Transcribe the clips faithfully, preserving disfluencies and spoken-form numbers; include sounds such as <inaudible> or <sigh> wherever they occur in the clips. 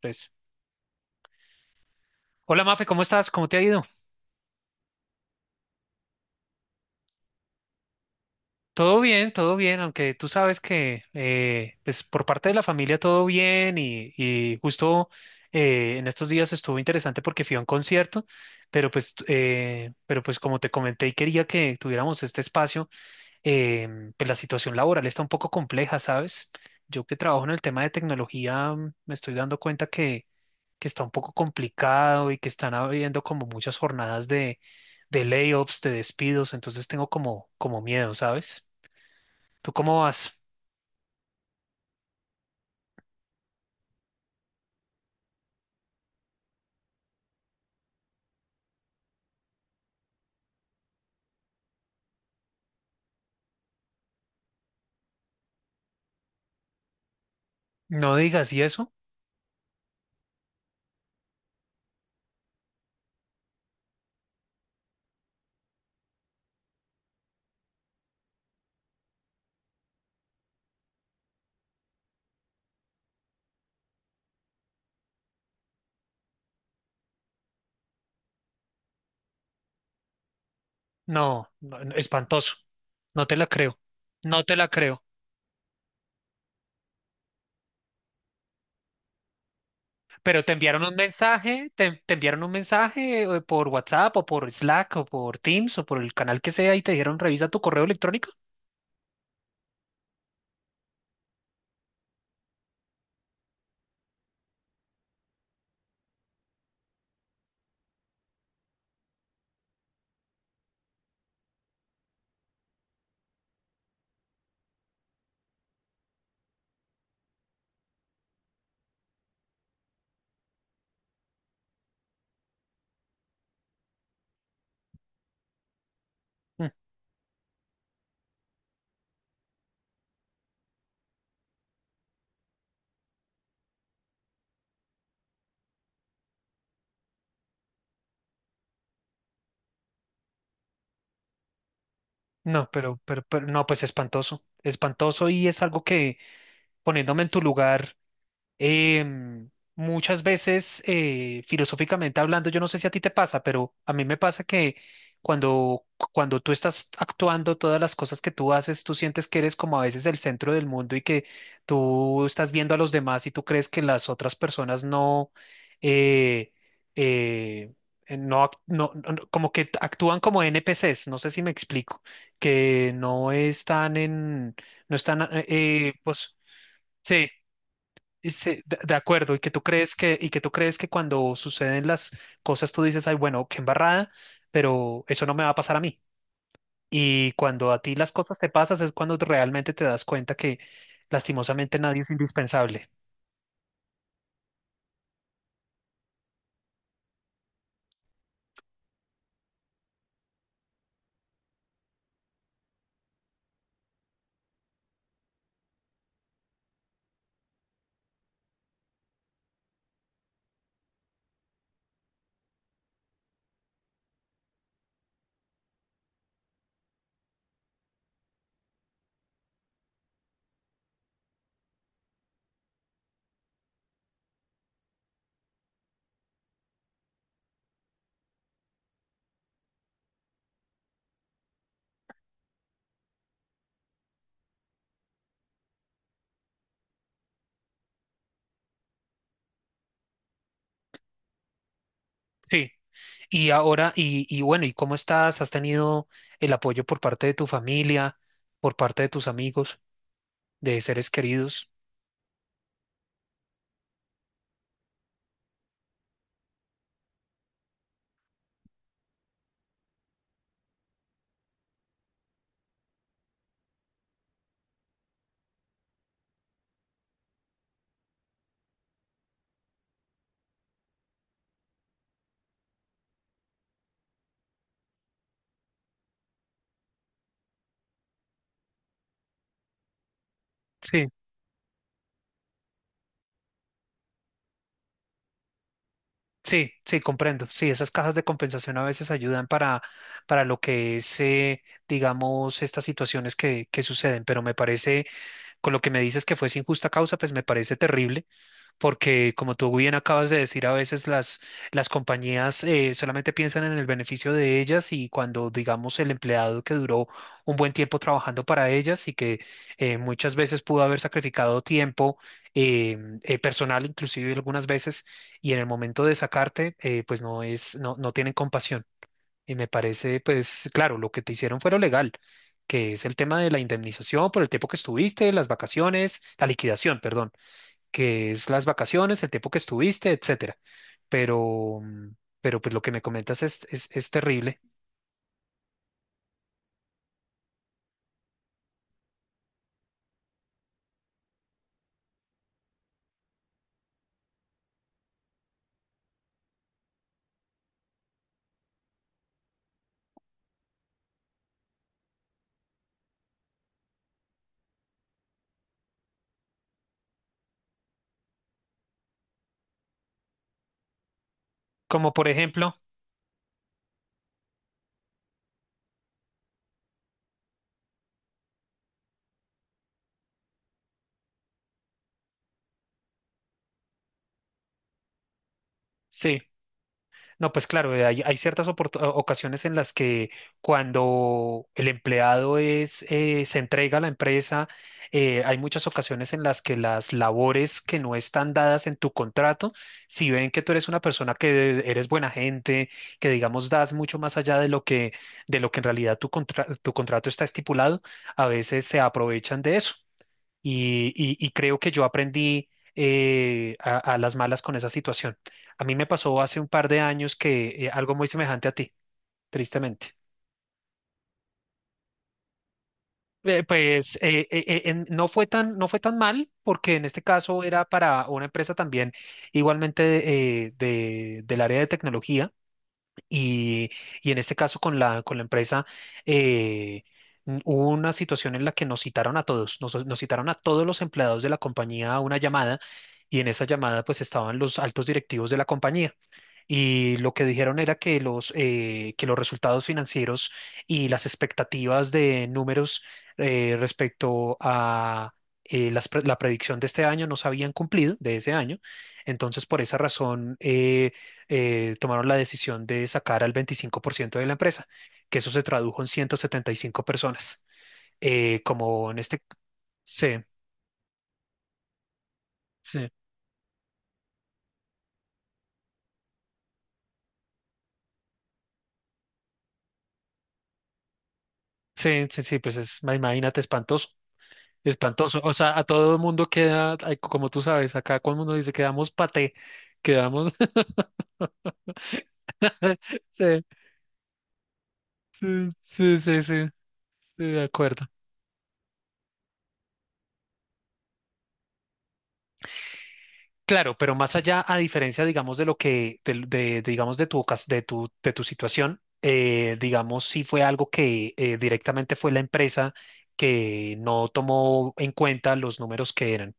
Tres. Hola Mafe, ¿cómo estás? ¿Cómo te ha ido? Todo bien, todo bien, aunque tú sabes que eh, pues por parte de la familia todo bien y, y justo eh, en estos días estuvo interesante porque fui a un concierto, pero pues, eh, pero pues como te comenté y quería que tuviéramos este espacio, eh, pues la situación laboral está un poco compleja, ¿sabes? Yo que trabajo en el tema de tecnología mm, me estoy dando cuenta que está un poco complicado y que están habiendo como muchas jornadas de, de layoffs, de despidos, entonces tengo como, como miedo, ¿sabes? ¿Tú cómo vas? No digas, ¿y eso? No, no, no, espantoso. No te la creo. No te la creo. Pero te enviaron un mensaje, te, te enviaron un mensaje eh, por WhatsApp o por Slack o por Teams o por el canal que sea y te dijeron revisa tu correo electrónico. Mm. No, pero, pero, pero no, pues espantoso, espantoso, y es algo que, poniéndome en tu lugar, em, muchas veces, eh, filosóficamente hablando, yo no sé si a ti te pasa, pero a mí me pasa que cuando, cuando tú estás actuando, todas las cosas que tú haces, tú sientes que eres como a veces el centro del mundo y que tú estás viendo a los demás y tú crees que las otras personas no, eh, eh, no, ac- no, no- no- como que actúan como N P Cs, no sé si me explico, que no están en, no están, eh, eh, pues, sí. Ese- de, de acuerdo, y que tú crees que, y que tú crees que cuando suceden las cosas tú dices, ay, bueno, qué embarrada, pero eso no me va a pasar a mí. Y cuando a ti las cosas te pasas es cuando realmente te das cuenta que lastimosamente nadie es indispensable. Sí. Y ahora, y, y bueno, ¿y cómo estás? ¿Has tenido el apoyo por parte de tu familia, por parte de tus amigos, de seres queridos? Sí. Sí, sí, comprendo. Sí, esas cajas de compensación a veces ayudan para, para lo que es, eh, digamos, estas situaciones que, que suceden, pero me parece, con lo que me dices que fue sin justa causa, pues me parece terrible porque, como tú bien acabas de decir, a veces las, las compañías eh, solamente piensan en el beneficio de ellas y cuando, digamos, el empleado que duró un buen tiempo trabajando para ellas y que eh, muchas veces pudo haber sacrificado tiempo eh, eh, personal, inclusive algunas veces, y en el momento de sacarte, eh, pues no es, no, no tienen compasión. Y me parece, pues claro, lo que te hicieron fue lo legal, que es el tema de la indemnización por el tiempo que estuviste, las vacaciones, la liquidación, perdón, que es las vacaciones, el tiempo que estuviste, etcétera. Pero, mm, pero pues lo que me comentas es, es, es terrible. Como por ejemplo, sí. No, pues claro, eh, hay, hay ciertas oportu- ocasiones en las que, cuando el empleado es, eh, se entrega a la empresa, eh, hay muchas ocasiones en las que las labores que no están dadas en tu contrato, si ven que tú eres una persona que eres buena gente, que digamos das mucho más allá de lo que, de lo que en realidad tu contra- tu contrato está estipulado, a veces se aprovechan de eso y, y- y creo que yo aprendí eh, a, a las malas con esa situación. A mí me pasó hace un par de años que, eh, algo muy semejante a ti, tristemente. Eh, pues eh, eh, eh, en- no fue tan, no fue tan mal, porque en este caso era para una empresa también, igualmente de- eh, de- del área de tecnología. Y, y en este caso con la, con la empresa, eh, n- hubo una situación en la que nos citaron a todos, nos, nos citaron a todos los empleados de la compañía a una llamada, y en esa llamada pues estaban los altos directivos de la compañía. Y lo que dijeron era que los, eh, que los resultados financieros y las expectativas de números, eh, respecto a, eh, las pre- la predicción de este año no se habían cumplido, de ese año. Entonces, por esa razón, eh, eh, tomaron la decisión de sacar al veinticinco por ciento de la empresa, que eso se tradujo en ciento setenta y cinco personas. Eh, como en este... Sí, sí, sí, sí, sí, pues es, ma- imagínate, espantoso. Espantoso. O sea, a todo el mundo queda, ay, como tú sabes, acá cuando uno dice quedamos paté, quedamos. <laughs> Sí, sí, sí, sí, sí, de acuerdo. Claro, pero más allá, a diferencia, digamos, de lo que, del- de, de, digamos, de tu, ocas- de tu, de tu situación, eh, digamos, sí fue algo que, eh, directamente fue la empresa que no tomó en cuenta los números que eran.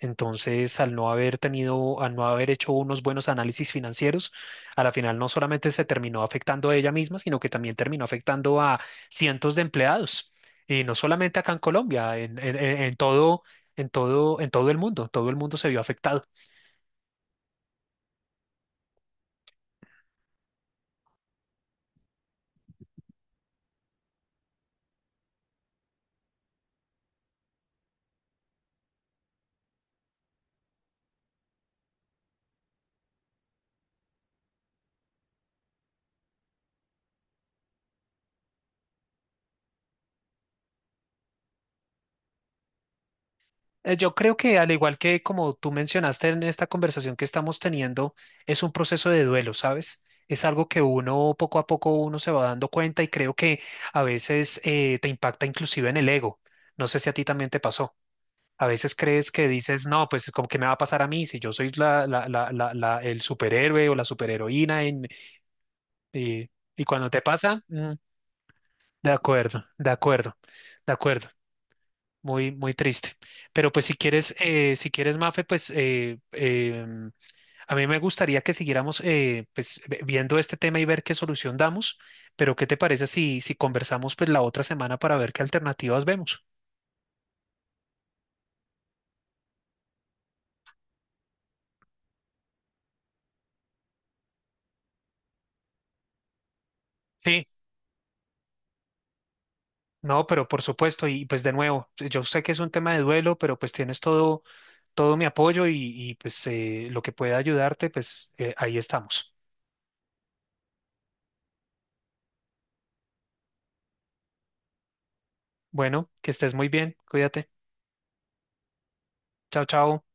Entonces, al no haber tenido, al no haber hecho unos buenos análisis financieros, a la final no solamente se terminó afectando a ella misma, sino que también terminó afectando a cientos de empleados. Y no solamente acá en Colombia, en, en en- en todo, en todo, en todo el mundo, todo el mundo se vio afectado. Eh, Yo creo que, al igual que como tú mencionaste en esta conversación que estamos teniendo, es un proceso de duelo, ¿sabes? Es algo que uno poco a poco uno se va dando cuenta, y creo que a veces, eh, te impacta inclusive en el ego. No sé si a ti también te pasó. A veces crees que dices, no, pues como que me va a pasar a mí si yo soy la, la, la, la, la- el superhéroe o la superheroína en, eh, y cuando te pasa, mm, de acuerdo, de acuerdo, de acuerdo. Muy, muy triste. Pero pues si quieres, eh, si quieres, Mafe, pues eh, eh, a mí me gustaría que siguiéramos, eh, pues, ve- viendo este tema y ver qué solución damos. Pero ¿qué te parece si, si conversamos pues la otra semana para ver qué alternativas vemos? Sí, no, pero por supuesto, y pues de nuevo, yo sé que es un tema de duelo, pero pues tienes todo, todo mi apoyo y, y, pues eh, lo que pueda ayudarte, pues eh, ahí estamos. Bueno, que estés muy bien, cuídate. Chao, chao.